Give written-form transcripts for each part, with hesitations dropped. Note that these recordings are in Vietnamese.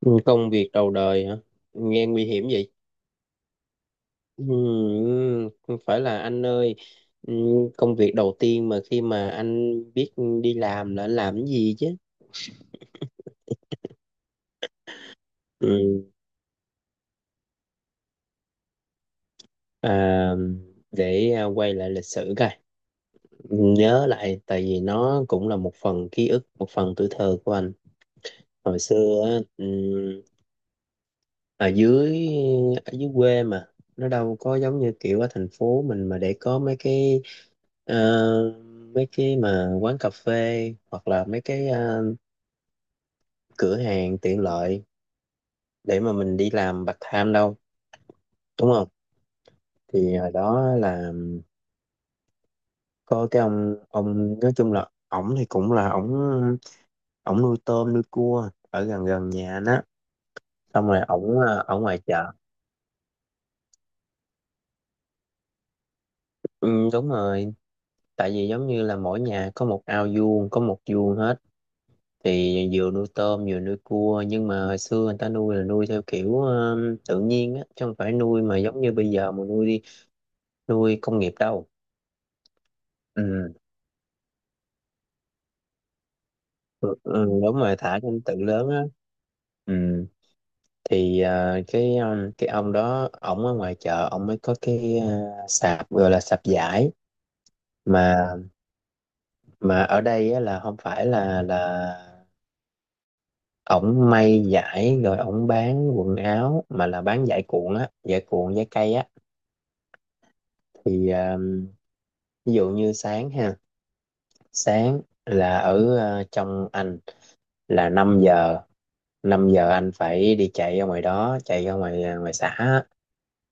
Ừ, công việc đầu đời hả? Nghe nguy hiểm vậy. Ừ, không phải là anh ơi, ừ, công việc đầu tiên mà khi mà anh biết đi làm là anh làm cái gì chứ? Ừ, à, để à, quay lại lịch sử coi. Ừ, nhớ lại, tại vì nó cũng là một phần ký ức, một phần tuổi thơ của anh. Hồi xưa á, ừ, ở dưới ở dưới quê mà nó đâu có giống như kiểu ở thành phố mình mà để có Ờ, mấy cái mà quán cà phê hoặc là mấy cái cửa hàng tiện lợi để mà mình đi làm part time đâu đúng không? Thì hồi đó là có cái ông nói chung là ổng thì cũng là ổng ổng nuôi tôm nuôi cua ở gần gần nhà anh á, xong rồi ổng ở ngoài chợ. Ừ, đúng rồi, tại vì giống như là mỗi nhà có một ao vuông có một vuông hết, thì vừa nuôi tôm vừa nuôi cua nhưng mà hồi xưa người ta nuôi là nuôi theo kiểu tự nhiên á chứ không phải nuôi mà giống như bây giờ mà nuôi công nghiệp đâu. Ừ, ừ ừ, đúng rồi, thả trong tự lớn á. Ừ. thì cái ông đó ổng ở ngoài chợ ổng mới có cái sạp, gọi là sạp vải mà ở đây á, là không phải là ổng may vải rồi ổng bán quần áo, mà là bán vải cuộn á, vải cây á. thì ờ, Ví dụ như sáng ha, sáng là ở trong anh là 5 giờ, anh phải đi chạy ra ngoài xã á,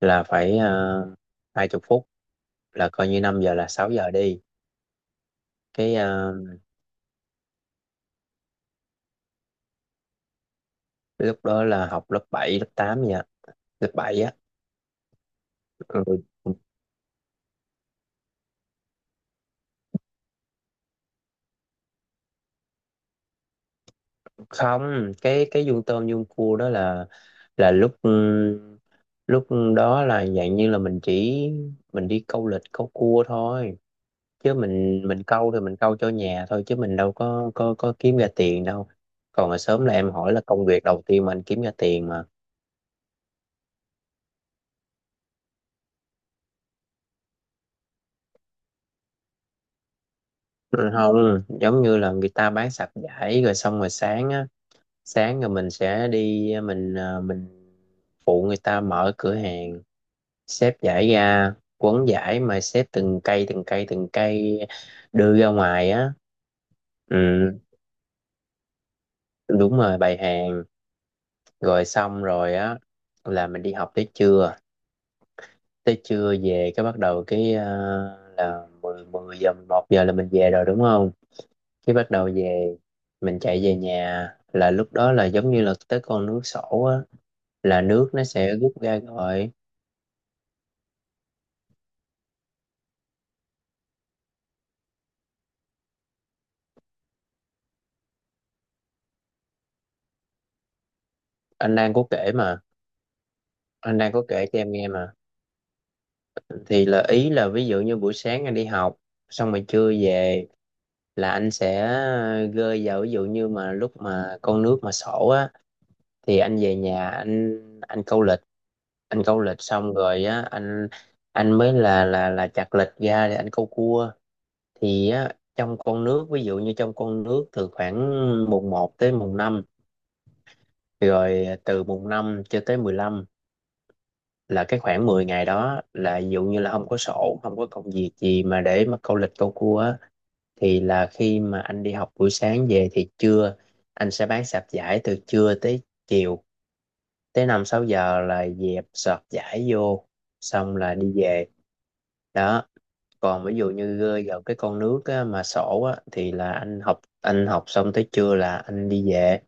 là phải 20 phút, là coi như 5 giờ là 6 giờ đi. cái ờ, Lúc đó là học lớp 7, lớp 8 nha, lớp 7 á. Ừ, không, cái vuông tôm vuông cua đó là lúc lúc đó là dạng như là mình đi câu lịch câu cua thôi. Chứ mình câu thì mình câu cho nhà thôi chứ mình đâu có kiếm ra tiền đâu. Còn mà sớm là em hỏi là công việc đầu tiên mà anh kiếm ra tiền mà. Ừ, không, giống như là người ta bán sạp vải rồi xong rồi sáng á, sáng rồi mình sẽ đi, mình phụ người ta mở cửa hàng, xếp vải ra quấn vải mà xếp từng cây từng cây từng cây đưa ra ngoài á. Ừ, đúng rồi, bày hàng, rồi xong rồi á là mình đi học tới trưa, tới trưa về cái bắt đầu là 10 10 giờ 1 giờ là mình về rồi đúng không? Cái bắt đầu về, mình chạy về nhà là lúc đó là giống như là tới con nước sổ á, là nước nó sẽ rút ra rồi. Anh đang có kể mà, anh đang có kể cho em nghe mà. Thì là ý là, ví dụ như buổi sáng anh đi học xong rồi trưa về là anh sẽ gơi vào, ví dụ như mà lúc mà con nước mà sổ á, thì anh về nhà anh câu lịch, anh câu lịch xong rồi á, anh mới là chặt lịch ra để anh câu cua. Thì á, trong con nước ví dụ như trong con nước từ khoảng mùng 1 tới mùng 5, rồi từ mùng 5 cho tới 15, là cái khoảng 10 ngày đó là ví dụ như là không có sổ, không có công việc gì mà để mà câu lịch câu cua á. Thì là khi mà anh đi học buổi sáng về thì trưa anh sẽ bán sạp giải từ trưa tới chiều, tới 5-6 giờ là dẹp sọt giải vô, xong là đi về đó. Còn ví dụ như gần cái con nước á, mà sổ á, thì là anh học, anh học xong tới trưa là anh đi về,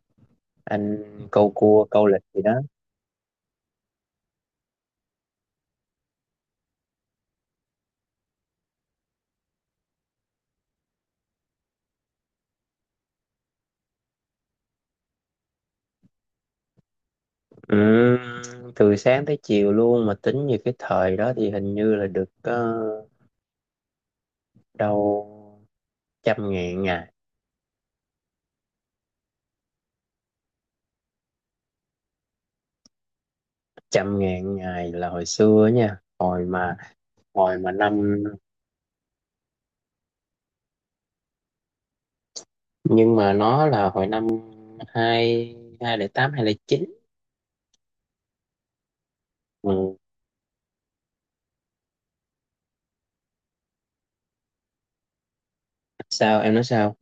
anh câu cua câu lịch gì đó. Ừm, Từ sáng tới chiều luôn mà tính như cái thời đó thì hình như là được đâu 100.000 ngày. 100.000 ngày là hồi xưa nha, hồi mà năm nhưng mà nó là hồi năm hai 2008, 2009. Ừ. Sao em nói sao?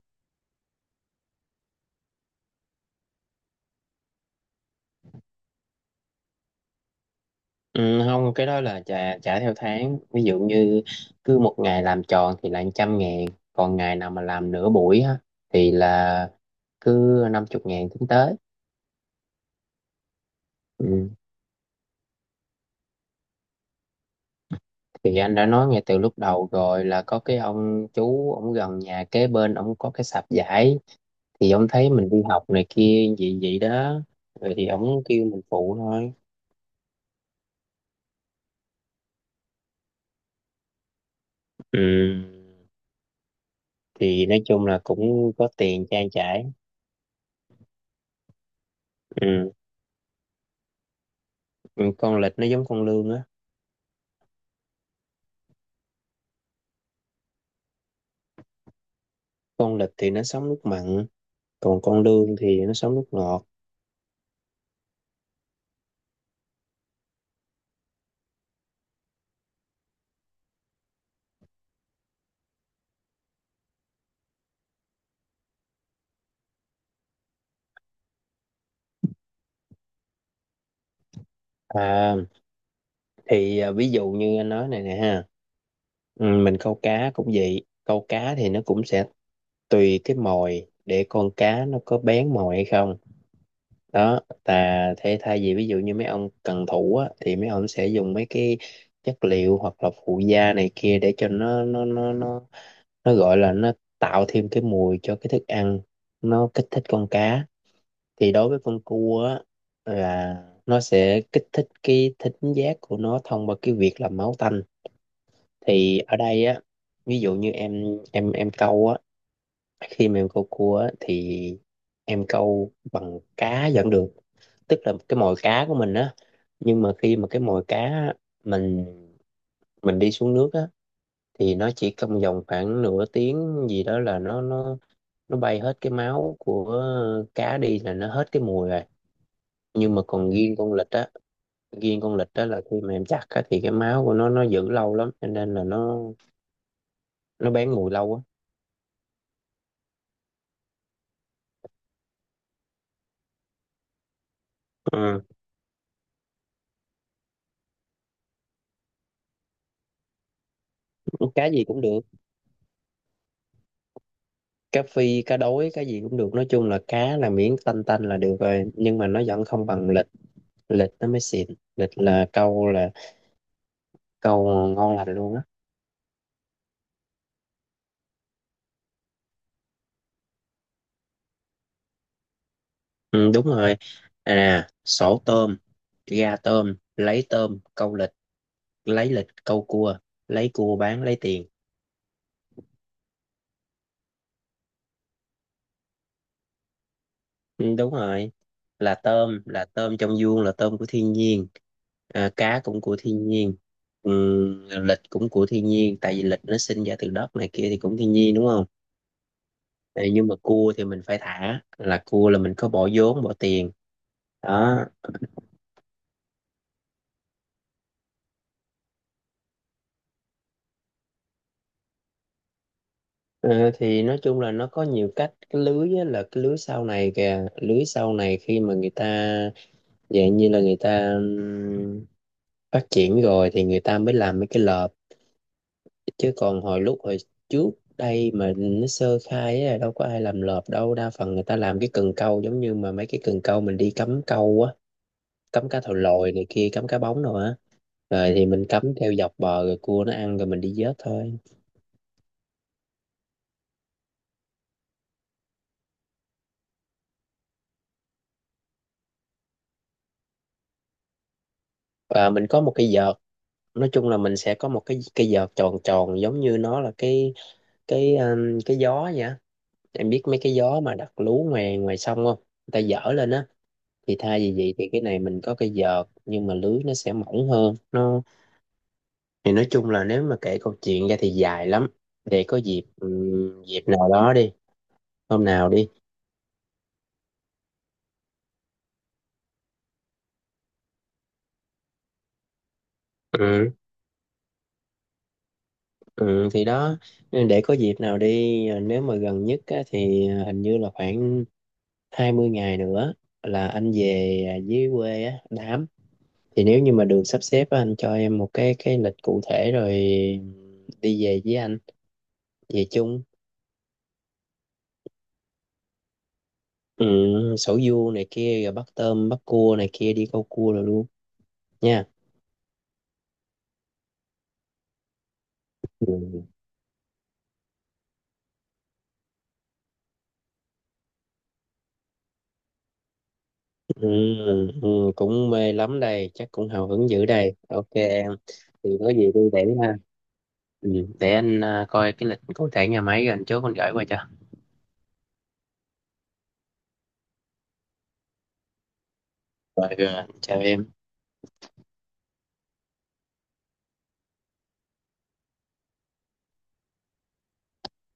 Ừ, không, cái đó là trả trả theo tháng, ví dụ như cứ một ngày làm tròn thì là 100.000, còn ngày nào mà làm nửa buổi á thì là cứ 50.000 tính tới. Ừ. Thì anh đã nói ngay từ lúc đầu rồi là có cái ông chú, ông gần nhà kế bên ông có cái sạp vải, thì ông thấy mình đi học này kia vậy vậy đó, rồi thì ông kêu mình phụ thôi. Ừ, thì nói chung là cũng có tiền trang trải. Ừ. Ừ, con lịch nó giống con lươn á. Con lịch thì nó sống nước mặn, còn con lươn thì nó sống nước ngọt. À, ví dụ như anh nói này nè ha. Ừ, mình câu cá cũng vậy, câu cá thì nó cũng sẽ tùy cái mồi để con cá nó có bén mồi hay không. Đó, ta thế thay vì ví dụ như mấy ông cần thủ á thì mấy ông sẽ dùng mấy cái chất liệu hoặc là phụ gia này kia để cho nó gọi là nó tạo thêm cái mùi cho cái thức ăn, nó kích thích con cá. Thì đối với con cua á, là nó sẽ kích thích cái thính giác của nó thông qua cái việc là máu tanh. Thì ở đây á, ví dụ như em câu á, khi mà em câu cua á thì em câu bằng cá vẫn được, tức là cái mồi cá của mình á. Nhưng mà khi mà cái mồi cá á, mình mình đi xuống nước á, thì nó chỉ trong vòng khoảng nửa tiếng gì đó là nó bay hết cái máu của cá đi, là nó hết cái mùi rồi. Nhưng mà còn riêng con vịt á là khi mà em chặt á thì cái máu của nó giữ lâu lắm, cho nên là nó bán mùi lâu á. Ừ. Cá gì cũng được, cá phi, cá đối, cá gì cũng được, nói chung là cá là miếng tanh tanh là được rồi, nhưng mà nó vẫn không bằng lịch, lịch nó mới xịn. Lịch là câu câu ngon lành luôn á. Ừ, đúng rồi, à, sổ tôm ra tôm, lấy tôm câu lịch, lấy lịch câu cua, lấy cua bán lấy tiền. Ừ, đúng rồi, là tôm, là tôm trong vuông là tôm của thiên nhiên. À, cá cũng của thiên nhiên. Ừ, lịch cũng của thiên nhiên, tại vì lịch nó sinh ra từ đất này kia thì cũng thiên nhiên đúng không? Ờ, nhưng mà cua thì mình phải thả, là cua là mình có bỏ vốn bỏ tiền đó. Ờ, thì nói chung là nó có nhiều cách. Cái lưới á, là cái lưới sau này kìa, lưới sau này khi mà người ta dạng như là người ta phát triển rồi thì người ta mới làm mấy cái lợp. Chứ còn hồi lúc hồi trước đây mà nó sơ khai á đâu có ai làm lợp đâu, đa phần người ta làm cái cần câu giống như mà mấy cái cần câu mình đi cắm câu á, cắm cá thầu lòi này kia, cắm cá bóng rồi á. Rồi thì mình cắm theo dọc bờ rồi cua nó ăn rồi mình đi vớt thôi. Và mình có một cái vợt, nói chung là mình sẽ có cái vợt tròn tròn giống như nó là cái gió vậy á. Em biết mấy cái gió mà đặt lú ngoài ngoài sông không? Người ta dở lên á, thì thay vì vậy thì cái này mình có cái vợt nhưng mà lưới nó sẽ mỏng hơn nó. Thì nói chung là nếu mà kể câu chuyện ra thì dài lắm, để có dịp dịp nào đó đi, hôm nào đi. Ừ, ừ, thì đó, để có dịp nào đi nếu mà gần nhất á, thì hình như là khoảng 20 ngày nữa là anh về, dưới quê á đám, thì nếu như mà được sắp xếp á, anh cho em cái lịch cụ thể rồi đi về với anh. Về chung. Ừ, sầu riêu này kia rồi bắt tôm bắt cua này kia đi câu cua rồi luôn nha. Ừ, ừ, ừ, cũng mê lắm đây chắc cũng hào hứng dữ đây, OK em. Thì có gì tôi để ha. Ừ, để anh, coi cái lịch cụ thể nhà máy rồi anh chốt anh gửi qua cho. Rồi rồi. Chào em.